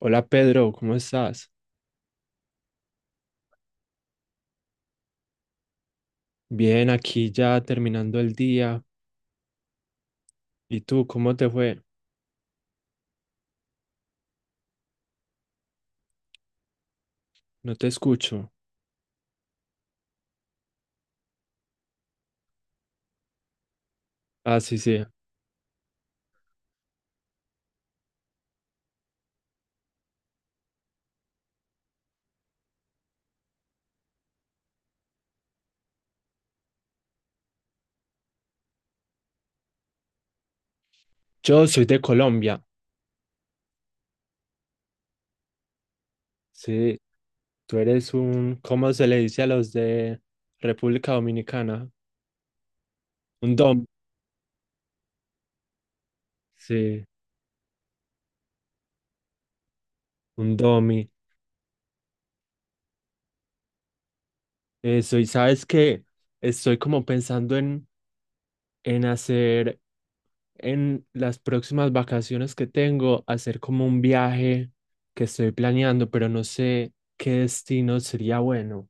Hola Pedro, ¿cómo estás? Bien, aquí ya terminando el día. ¿Y tú, cómo te fue? No te escucho. Ah, sí, sí. Yo soy de Colombia. Sí, tú eres un, ¿cómo se le dice a los de República Dominicana? Un dom. Sí, un domi. Eso, y sabes que estoy como pensando en hacer en las próximas vacaciones que tengo, hacer como un viaje que estoy planeando, pero no sé qué destino sería bueno.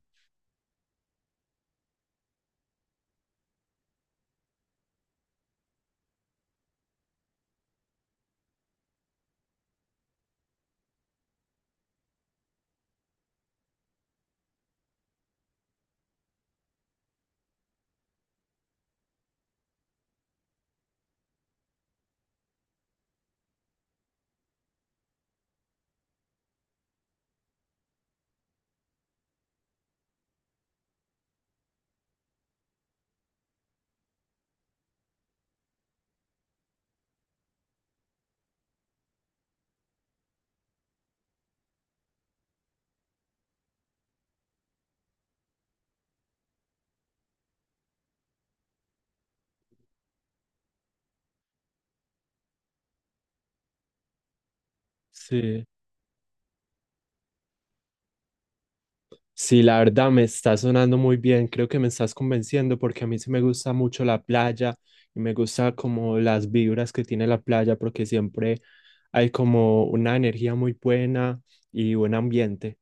Sí, sí, la verdad me está sonando muy bien. Creo que me estás convenciendo porque a mí sí me gusta mucho la playa y me gusta como las vibras que tiene la playa porque siempre hay como una energía muy buena y buen ambiente.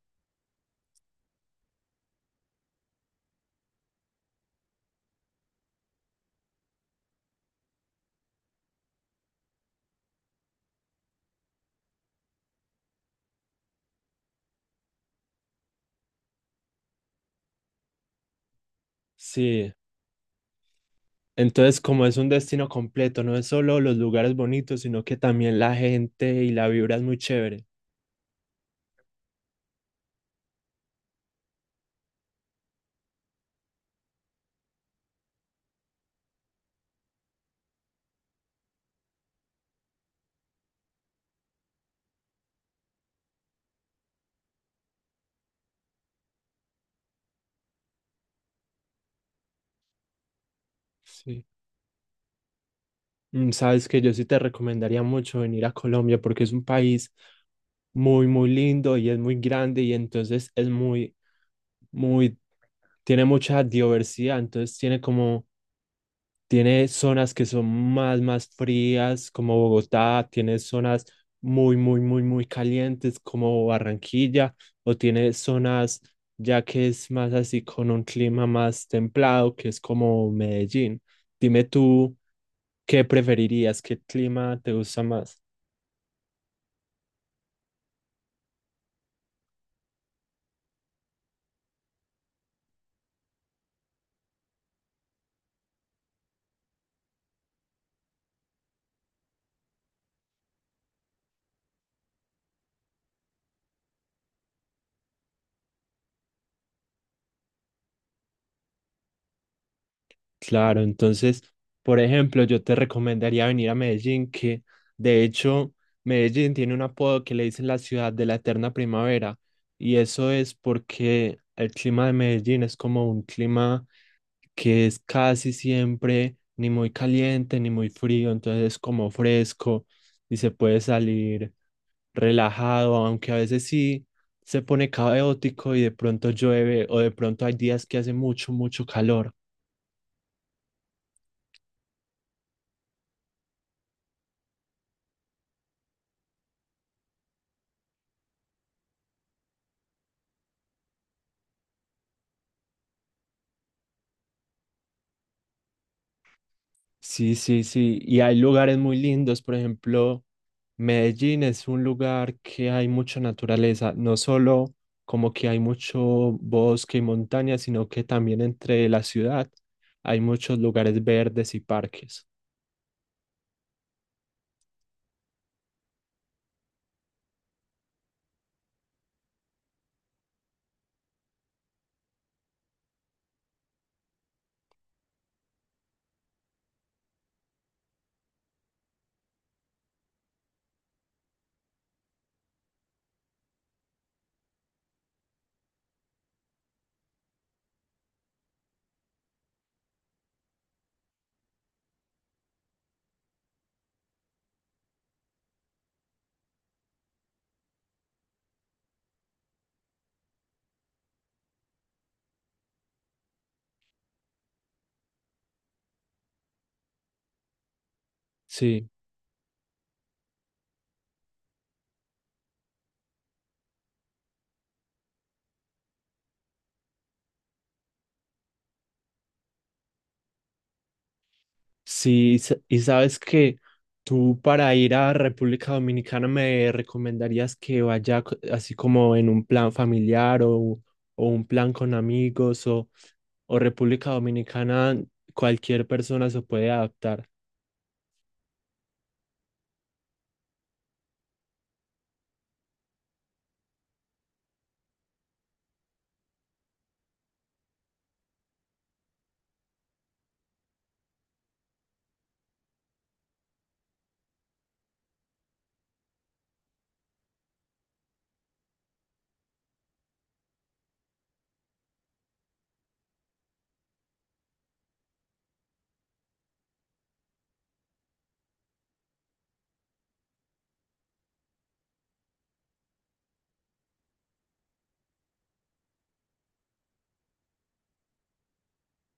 Sí, entonces como es un destino completo, no es solo los lugares bonitos, sino que también la gente y la vibra es muy chévere. Sí. Mm, sabes que yo sí te recomendaría mucho venir a Colombia porque es un país muy, muy lindo y es muy grande y entonces es muy, muy, tiene mucha diversidad, entonces tiene como, tiene zonas que son más, más frías como Bogotá, tiene zonas muy, muy, muy, muy calientes como Barranquilla o tiene zonas ya que es más así con un clima más templado que es como Medellín. Dime tú, ¿qué preferirías? ¿Qué clima te gusta más? Claro, entonces, por ejemplo, yo te recomendaría venir a Medellín, que de hecho Medellín tiene un apodo que le dicen la ciudad de la eterna primavera, y eso es porque el clima de Medellín es como un clima que es casi siempre ni muy caliente ni muy frío, entonces es como fresco y se puede salir relajado, aunque a veces sí se pone caótico y de pronto llueve o de pronto hay días que hace mucho, mucho calor. Sí, sí, sí. Y hay lugares muy lindos, por ejemplo, Medellín es un lugar que hay mucha naturaleza, no solo como que hay mucho bosque y montaña, sino que también entre la ciudad hay muchos lugares verdes y parques. Sí. Sí, y sabes que tú para ir a República Dominicana me recomendarías que vaya así como en un plan familiar o un plan con amigos o República Dominicana, cualquier persona se puede adaptar.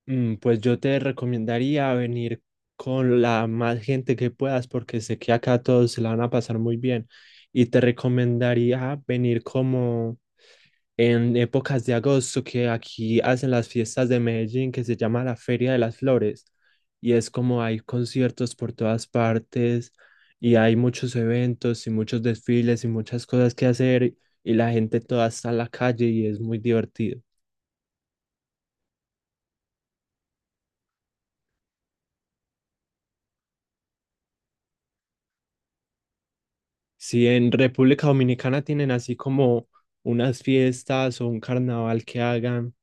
Mm, pues yo te recomendaría venir con la más gente que puedas porque sé que acá todos se la van a pasar muy bien y te recomendaría venir como en épocas de agosto que aquí hacen las fiestas de Medellín que se llama la Feria de las Flores y es como hay conciertos por todas partes y hay muchos eventos y muchos desfiles y muchas cosas que hacer y la gente toda está en la calle y es muy divertido. Si en República Dominicana tienen así como unas fiestas o un carnaval que hagan,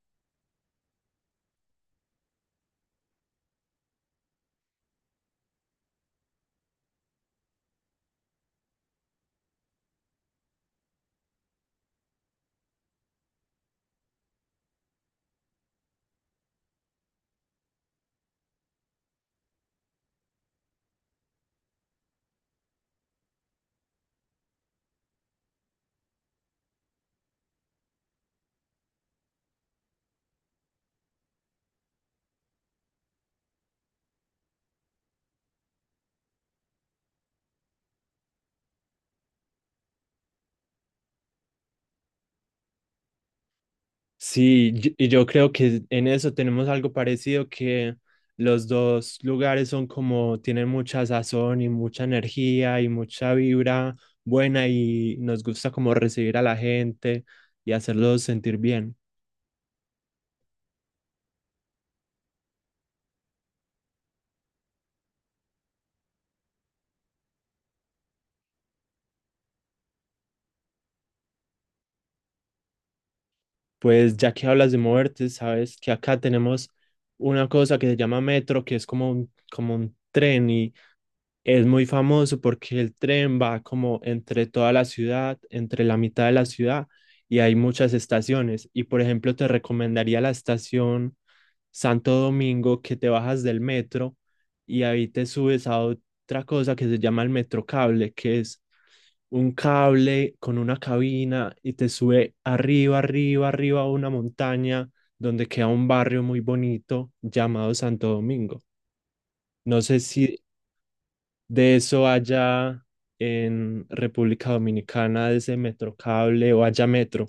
sí, y yo creo que en eso tenemos algo parecido que los dos lugares son como tienen mucha sazón y mucha energía y mucha vibra buena y nos gusta como recibir a la gente y hacerlos sentir bien. Pues ya que hablas de moverte, sabes que acá tenemos una cosa que se llama metro, que es como un tren y es muy famoso porque el tren va como entre toda la ciudad, entre la mitad de la ciudad y hay muchas estaciones. Y por ejemplo, te recomendaría la estación Santo Domingo que te bajas del metro y ahí te subes a otra cosa que se llama el Metrocable, que es un cable con una cabina y te sube arriba, arriba, arriba a una montaña donde queda un barrio muy bonito llamado Santo Domingo. No sé si de eso allá en República Dominicana, de ese Metrocable o haya Metro.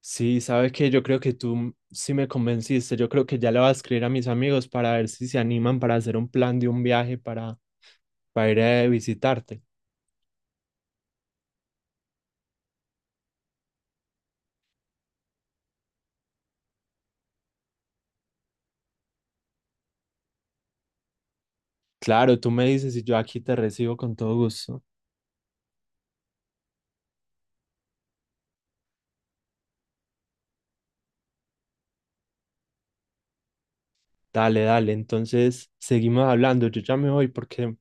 Sí, sabe que yo creo que tú sí me convenciste. Yo creo que ya le voy a escribir a mis amigos para ver si se animan para hacer un plan de un viaje para ir a visitarte. Claro, tú me dices y yo aquí te recibo con todo gusto. Dale, dale. Entonces, seguimos hablando. Yo ya me voy porque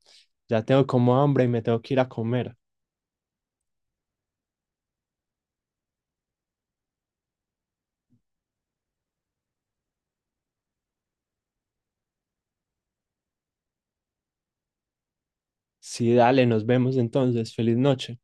ya tengo como hambre y me tengo que ir a comer. Sí, dale, nos vemos entonces. Feliz noche.